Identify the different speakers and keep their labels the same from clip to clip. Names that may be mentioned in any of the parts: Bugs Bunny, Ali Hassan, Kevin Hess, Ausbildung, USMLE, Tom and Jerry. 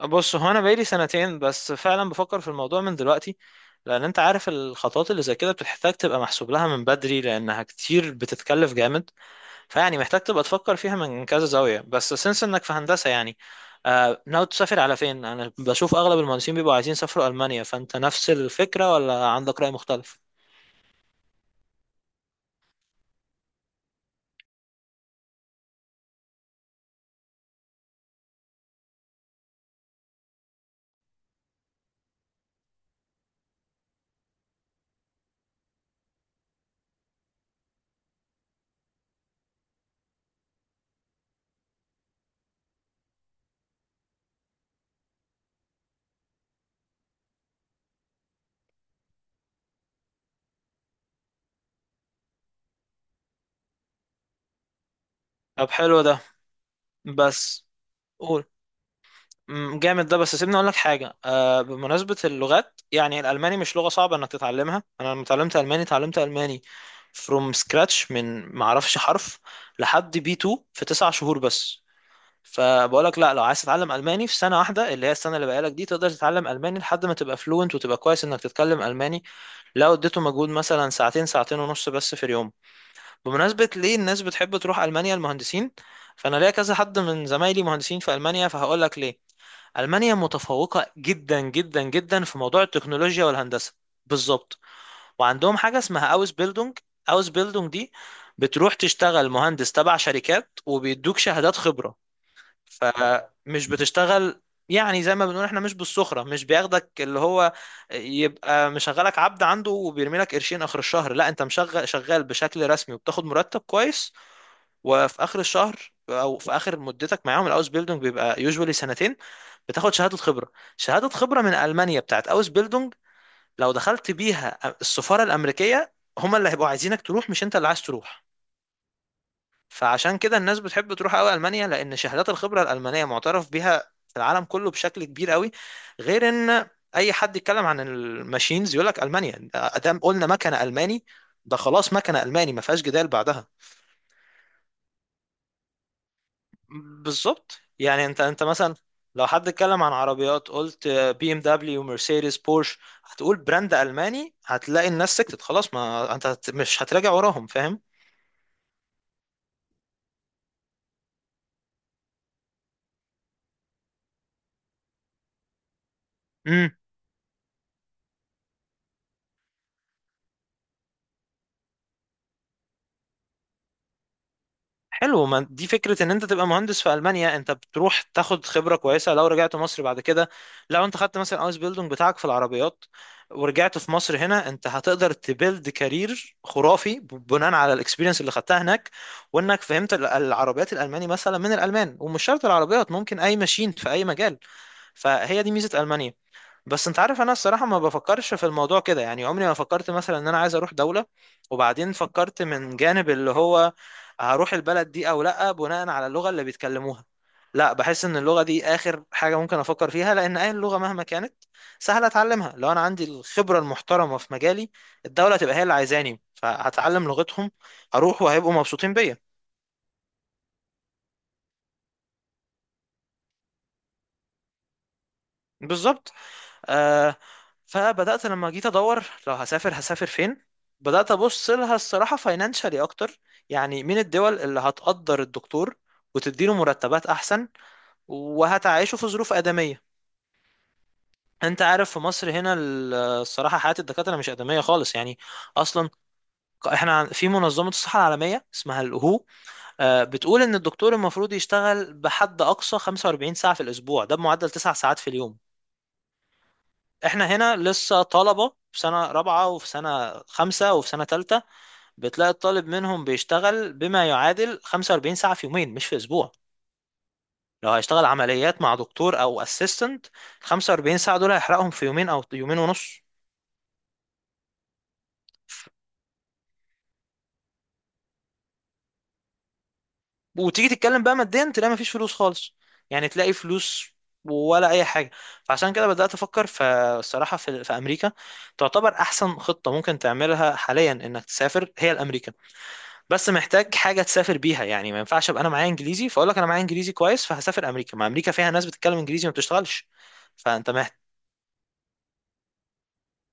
Speaker 1: بص، هو انا بقالي سنتين، بس فعلا بفكر في الموضوع من دلوقتي، لان انت عارف الخطوات اللي زي كده بتحتاج تبقى محسوب لها من بدري لانها كتير، بتتكلف جامد. فيعني محتاج تبقى تفكر فيها من كذا زاوية، بس سنس انك في هندسة، يعني آه، ناوي تسافر على فين؟ انا بشوف اغلب المهندسين بيبقوا عايزين يسافروا المانيا، فانت نفس الفكرة ولا عندك رأي مختلف؟ طب حلو ده. بس قول. جامد ده. بس سيبني اقول لك حاجه، بمناسبه اللغات، يعني الالماني مش لغه صعبه انك تتعلمها. انا لما اتعلمت الماني، اتعلمت الماني from scratch، من ما اعرفش حرف لحد بي 2 في تسع شهور بس. فبقول لك، لا، لو عايز تتعلم الماني في سنه واحده اللي هي السنه اللي بقالك دي، تقدر تتعلم الماني لحد ما تبقى فلوينت، وتبقى كويس انك تتكلم الماني، لو اديته مجهود مثلا ساعتين، ساعتين ونص بس في اليوم. بمناسبه ليه الناس بتحب تروح المانيا، المهندسين؟ فانا ليا كذا حد من زمايلي مهندسين في المانيا، فهقول لك ليه. ألمانيا متفوقة جدا جدا جدا في موضوع التكنولوجيا والهندسة. بالظبط. وعندهم حاجة اسمها أوس بيلدونج. أوس بيلدونج دي بتروح تشتغل مهندس تبع شركات، وبيدوك شهادات خبرة. فمش بتشتغل، يعني زي ما بنقول احنا، مش بالسخرة، مش بياخدك اللي هو يبقى مشغلك عبد عنده وبيرمي لك قرشين آخر الشهر. لا، انت مشغل شغال بشكل رسمي، وبتاخد مرتب كويس، وفي اخر الشهر او في اخر مدتك معاهم، الاوس بيلدونج بيبقى يوجوالي سنتين، بتاخد شهاده خبره. شهاده خبره من المانيا بتاعت اوس بيلدونج لو دخلت بيها السفاره الامريكيه، هما اللي هيبقوا عايزينك تروح، مش انت اللي عايز تروح. فعشان كده الناس بتحب تروح قوي المانيا، لان شهادات الخبره الالمانيه معترف بيها في العالم كله بشكل كبير قوي. غير ان اي حد يتكلم عن الماشينز، يقول لك المانيا ادام قلنا مكنه الماني، ده خلاص مكنه الماني، ما فيهاش جدال بعدها. بالظبط. يعني انت، انت مثلا لو حد اتكلم عن عربيات، قلت بي ام دبليو، مرسيدس، بورش، هتقول براند الماني، هتلاقي الناس سكتت خلاص، ما انت مش هتراجع وراهم، فاهم؟ حلو. ما دي فكرة، ان انت تبقى مهندس في المانيا، انت بتروح تاخد خبرة كويسة لو رجعت مصر بعد كده. لو انت خدت مثلا ايس بيلدونج بتاعك في العربيات، ورجعت في مصر هنا، انت هتقدر تبيلد كارير خرافي بناء على الاكسبيرينس اللي خدتها هناك، وانك فهمت العربيات الالماني مثلا من الالمان، ومش شرط العربيات، ممكن اي ماشين في اي مجال. فهي دي ميزة المانيا. بس انت عارف، انا الصراحه ما بفكرش في الموضوع كده. يعني عمري ما فكرت مثلا ان انا عايز اروح دوله، وبعدين فكرت من جانب اللي هو هروح البلد دي او لا بناء على اللغه اللي بيتكلموها. لا، بحس ان اللغه دي اخر حاجه ممكن افكر فيها، لان اي لغه مهما كانت سهله اتعلمها، لو انا عندي الخبره المحترمه في مجالي، الدوله تبقى هي اللي عايزاني، فهتعلم لغتهم، هروح وهيبقوا مبسوطين بيا. بالظبط. آه، فبدأت لما جيت أدور لو هسافر هسافر فين، بدأت أبص لها الصراحة فاينانشالي أكتر. يعني مين الدول اللي هتقدر الدكتور وتديله مرتبات أحسن وهتعيشه في ظروف آدمية؟ أنت عارف في مصر هنا الصراحة حياة الدكاترة مش آدمية خالص يعني. أصلا احنا في منظمة الصحة العالمية اسمها الهو، بتقول إن الدكتور المفروض يشتغل بحد أقصى 45 ساعة في الأسبوع، ده بمعدل 9 ساعات في اليوم. احنا هنا لسه طلبة في سنة رابعة، وفي سنة خمسة، وفي سنة تالتة، بتلاقي الطالب منهم بيشتغل بما يعادل 45 ساعة في يومين، مش في أسبوع. لو هيشتغل عمليات مع دكتور أو أسيستنت، 45 ساعة دول هيحرقهم في يومين أو يومين ونص. وتيجي تتكلم بقى ماديا، تلاقي مفيش فلوس خالص. يعني تلاقي فلوس ولا اي حاجه. فعشان كده بدات افكر في الصراحه في امريكا. تعتبر احسن خطه ممكن تعملها حاليا انك تسافر هي الامريكا. بس محتاج حاجه تسافر بيها، يعني ما ينفعش ابقى انا معايا انجليزي، فاقول لك انا معايا انجليزي كويس فهسافر امريكا. ما امريكا فيها ناس بتتكلم انجليزي، ما بتشتغلش. فانت محتاج.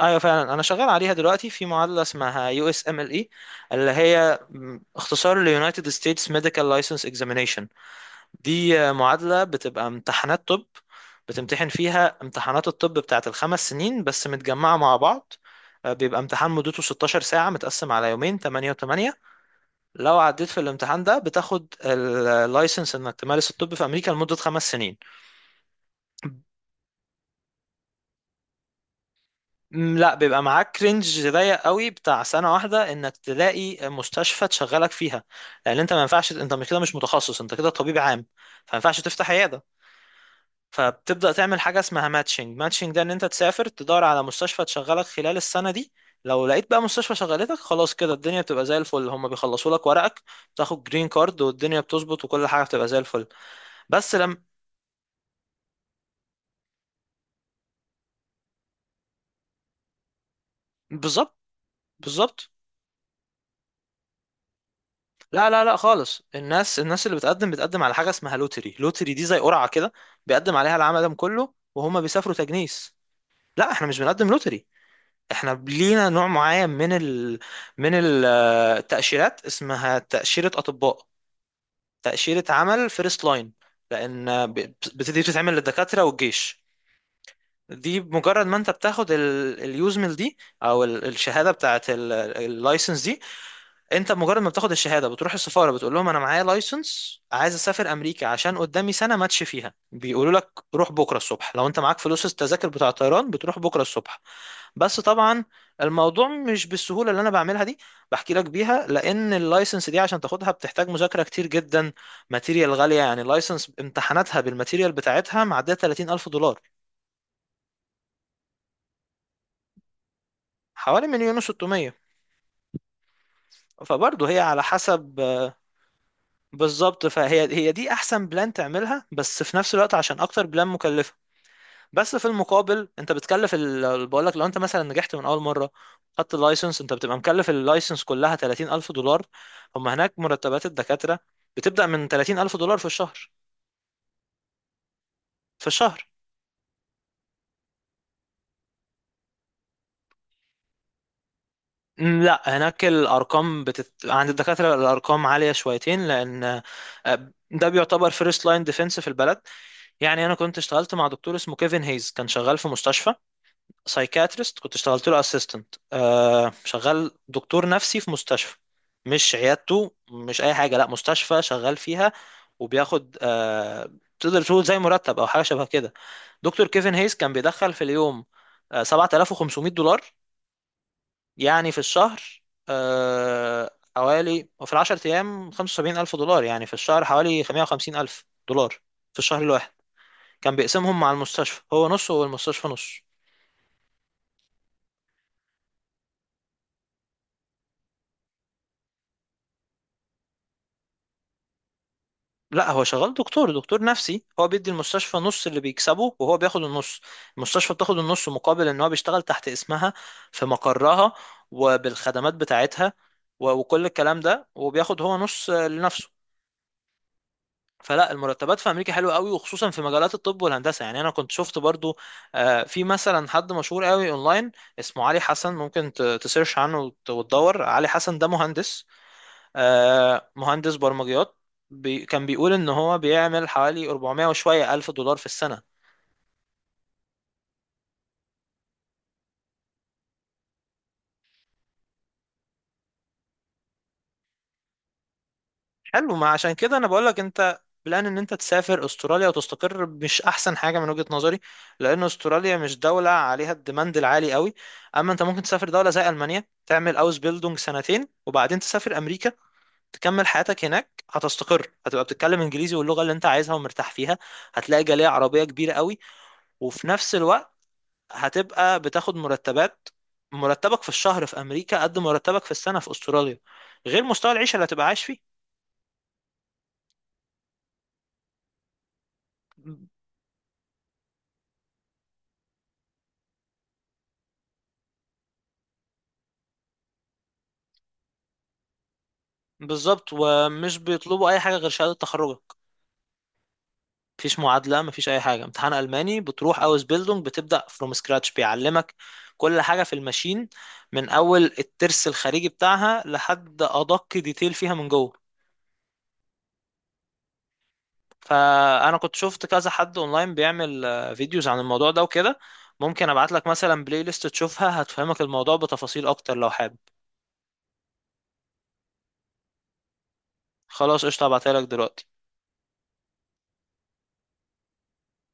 Speaker 1: ايوه، فعلا انا شغال عليها دلوقتي، في معادله اسمها يو اس ام ال اي، اللي هي اختصار ليونايتد ستيتس ميديكال لايسنس اكزامينيشن. دي معادله بتبقى امتحانات طب، بتمتحن فيها امتحانات الطب بتاعت الخمس سنين بس متجمعه مع بعض. بيبقى امتحان مدته 16 ساعه متقسم على يومين، 8 و8. لو عديت في الامتحان ده، بتاخد اللايسنس انك تمارس الطب في امريكا لمدة خمس سنين. لا، بيبقى معاك رينج ضيق قوي بتاع سنة واحدة انك تلاقي مستشفى تشغلك فيها. لان انت ما ينفعش، انت مش كده، مش متخصص، انت كده طبيب عام، فما ينفعش تفتح عيادة. فبتبدأ تعمل حاجة اسمها ماتشنج. ماتشنج ده ان انت تسافر تدور على مستشفى تشغلك خلال السنة دي. لو لقيت بقى مستشفى شغلتك، خلاص كده الدنيا بتبقى زي الفل، هما بيخلصوا لك ورقك، تاخد جرين كارد، والدنيا بتظبط وكل حاجة بتبقى زي الفل. بس لما. بالظبط بالظبط. لا لا لا خالص. الناس اللي بتقدم، بتقدم على حاجه اسمها لوتري. لوتري دي زي قرعه كده، بيقدم عليها العالم كله وهم بيسافروا تجنيس. لا، احنا مش بنقدم لوتري. احنا لينا نوع معين من من التاشيرات، اسمها تاشيره اطباء. تاشيره عمل فيرست لاين. لان دي بتتعمل للدكاتره والجيش. دي مجرد ما انت بتاخد اليوزمل دي او الشهاده بتاعت اللايسنس، انت مجرد ما بتاخد الشهاده، بتروح السفاره، بتقول لهم انا معايا لايسنس، عايز اسافر امريكا، عشان قدامي سنه ماتش فيها، بيقولوا لك روح بكره الصبح، لو انت معاك فلوس التذاكر بتاع الطيران بتروح بكره الصبح. بس طبعا الموضوع مش بالسهوله اللي انا بعملها دي، بحكي لك بيها، لان اللايسنس دي عشان تاخدها بتحتاج مذاكره كتير جدا. ماتيريال غاليه، يعني اللايسنس امتحاناتها بالماتيريال بتاعتها معديه 30,000 دولار. حوالي مليون و600. فبرضه هي على حسب. بالظبط. فهي هي دي احسن بلان تعملها، بس في نفس الوقت عشان اكتر بلان مكلفه. بس في المقابل انت بتكلف بقول لك، لو انت مثلا نجحت من اول مره، خدت اللايسنس، انت بتبقى مكلف اللايسنس كلها 30,000 دولار. هم هناك مرتبات الدكاتره بتبدا من 30,000 دولار في الشهر. في الشهر. لا، هناك الارقام عند الدكاتره الارقام عاليه شويتين، لان ده بيعتبر فيرست لاين ديفense في البلد. يعني انا كنت اشتغلت مع دكتور اسمه كيفن هيز، كان شغال في مستشفى سايكاتريست. كنت اشتغلت له اسيستنت، شغال دكتور نفسي في مستشفى، مش عيادته، مش اي حاجه، لا مستشفى شغال فيها. وبياخد، تقدر تقول زي مرتب او حاجه شبه كده. دكتور كيفن هيس كان بيدخل في اليوم 7,500 دولار. يعني في الشهر، حوالي، وفي العشر ايام 75,000 دولار، يعني في الشهر حوالي 150,000 دولار في الشهر الواحد. كان بيقسمهم مع المستشفى، هو نص والمستشفى نص. لا، هو شغال دكتور نفسي. هو بيدي المستشفى نص اللي بيكسبه، وهو بياخد النص. المستشفى بتاخد النص مقابل ان هو بيشتغل تحت اسمها، في مقرها، وبالخدمات بتاعتها وكل الكلام ده، وبياخد هو نص لنفسه. فلا، المرتبات في امريكا حلوه قوي، وخصوصا في مجالات الطب والهندسه. يعني انا كنت شفت برضو، في مثلا حد مشهور قوي اونلاين، اسمه علي حسن، ممكن تسيرش عنه وتدور، علي حسن ده مهندس، مهندس برمجيات. بي، كان بيقول ان هو بيعمل حوالي 400 وشوية الف دولار في السنة. حلو. ما عشان كده انا بقولك انت، بلان ان انت تسافر استراليا وتستقر، مش احسن حاجة من وجهة نظري، لان استراليا مش دولة عليها الديماند العالي قوي. اما انت ممكن تسافر دولة زي المانيا، تعمل اوس بيلدونج سنتين، وبعدين تسافر امريكا، تكمل حياتك هناك، هتستقر، هتبقى بتتكلم انجليزي واللغة اللي انت عايزها ومرتاح فيها. هتلاقي جالية عربية كبيرة قوي، وفي نفس الوقت هتبقى بتاخد مرتبات. مرتبك في الشهر في امريكا قد مرتبك في السنه في استراليا، غير مستوى العيشه اللي هتبقى عايش فيه. بالظبط. ومش بيطلبوا اي حاجه غير شهاده تخرجك. مفيش معادله، مفيش اي حاجه، امتحان الماني، بتروح اوس بيلدونج، بتبدا فروم سكراتش، بيعلمك كل حاجه في الماشين، من اول الترس الخارجي بتاعها لحد ادق ديتيل فيها من جوه. فانا كنت شفت كذا حد اونلاين بيعمل فيديوز عن الموضوع ده وكده. ممكن ابعت لك مثلا بلاي ليست تشوفها، هتفهمك الموضوع بتفاصيل اكتر لو حابب. خلاص قشطة، هبعتها لك دلوقتي.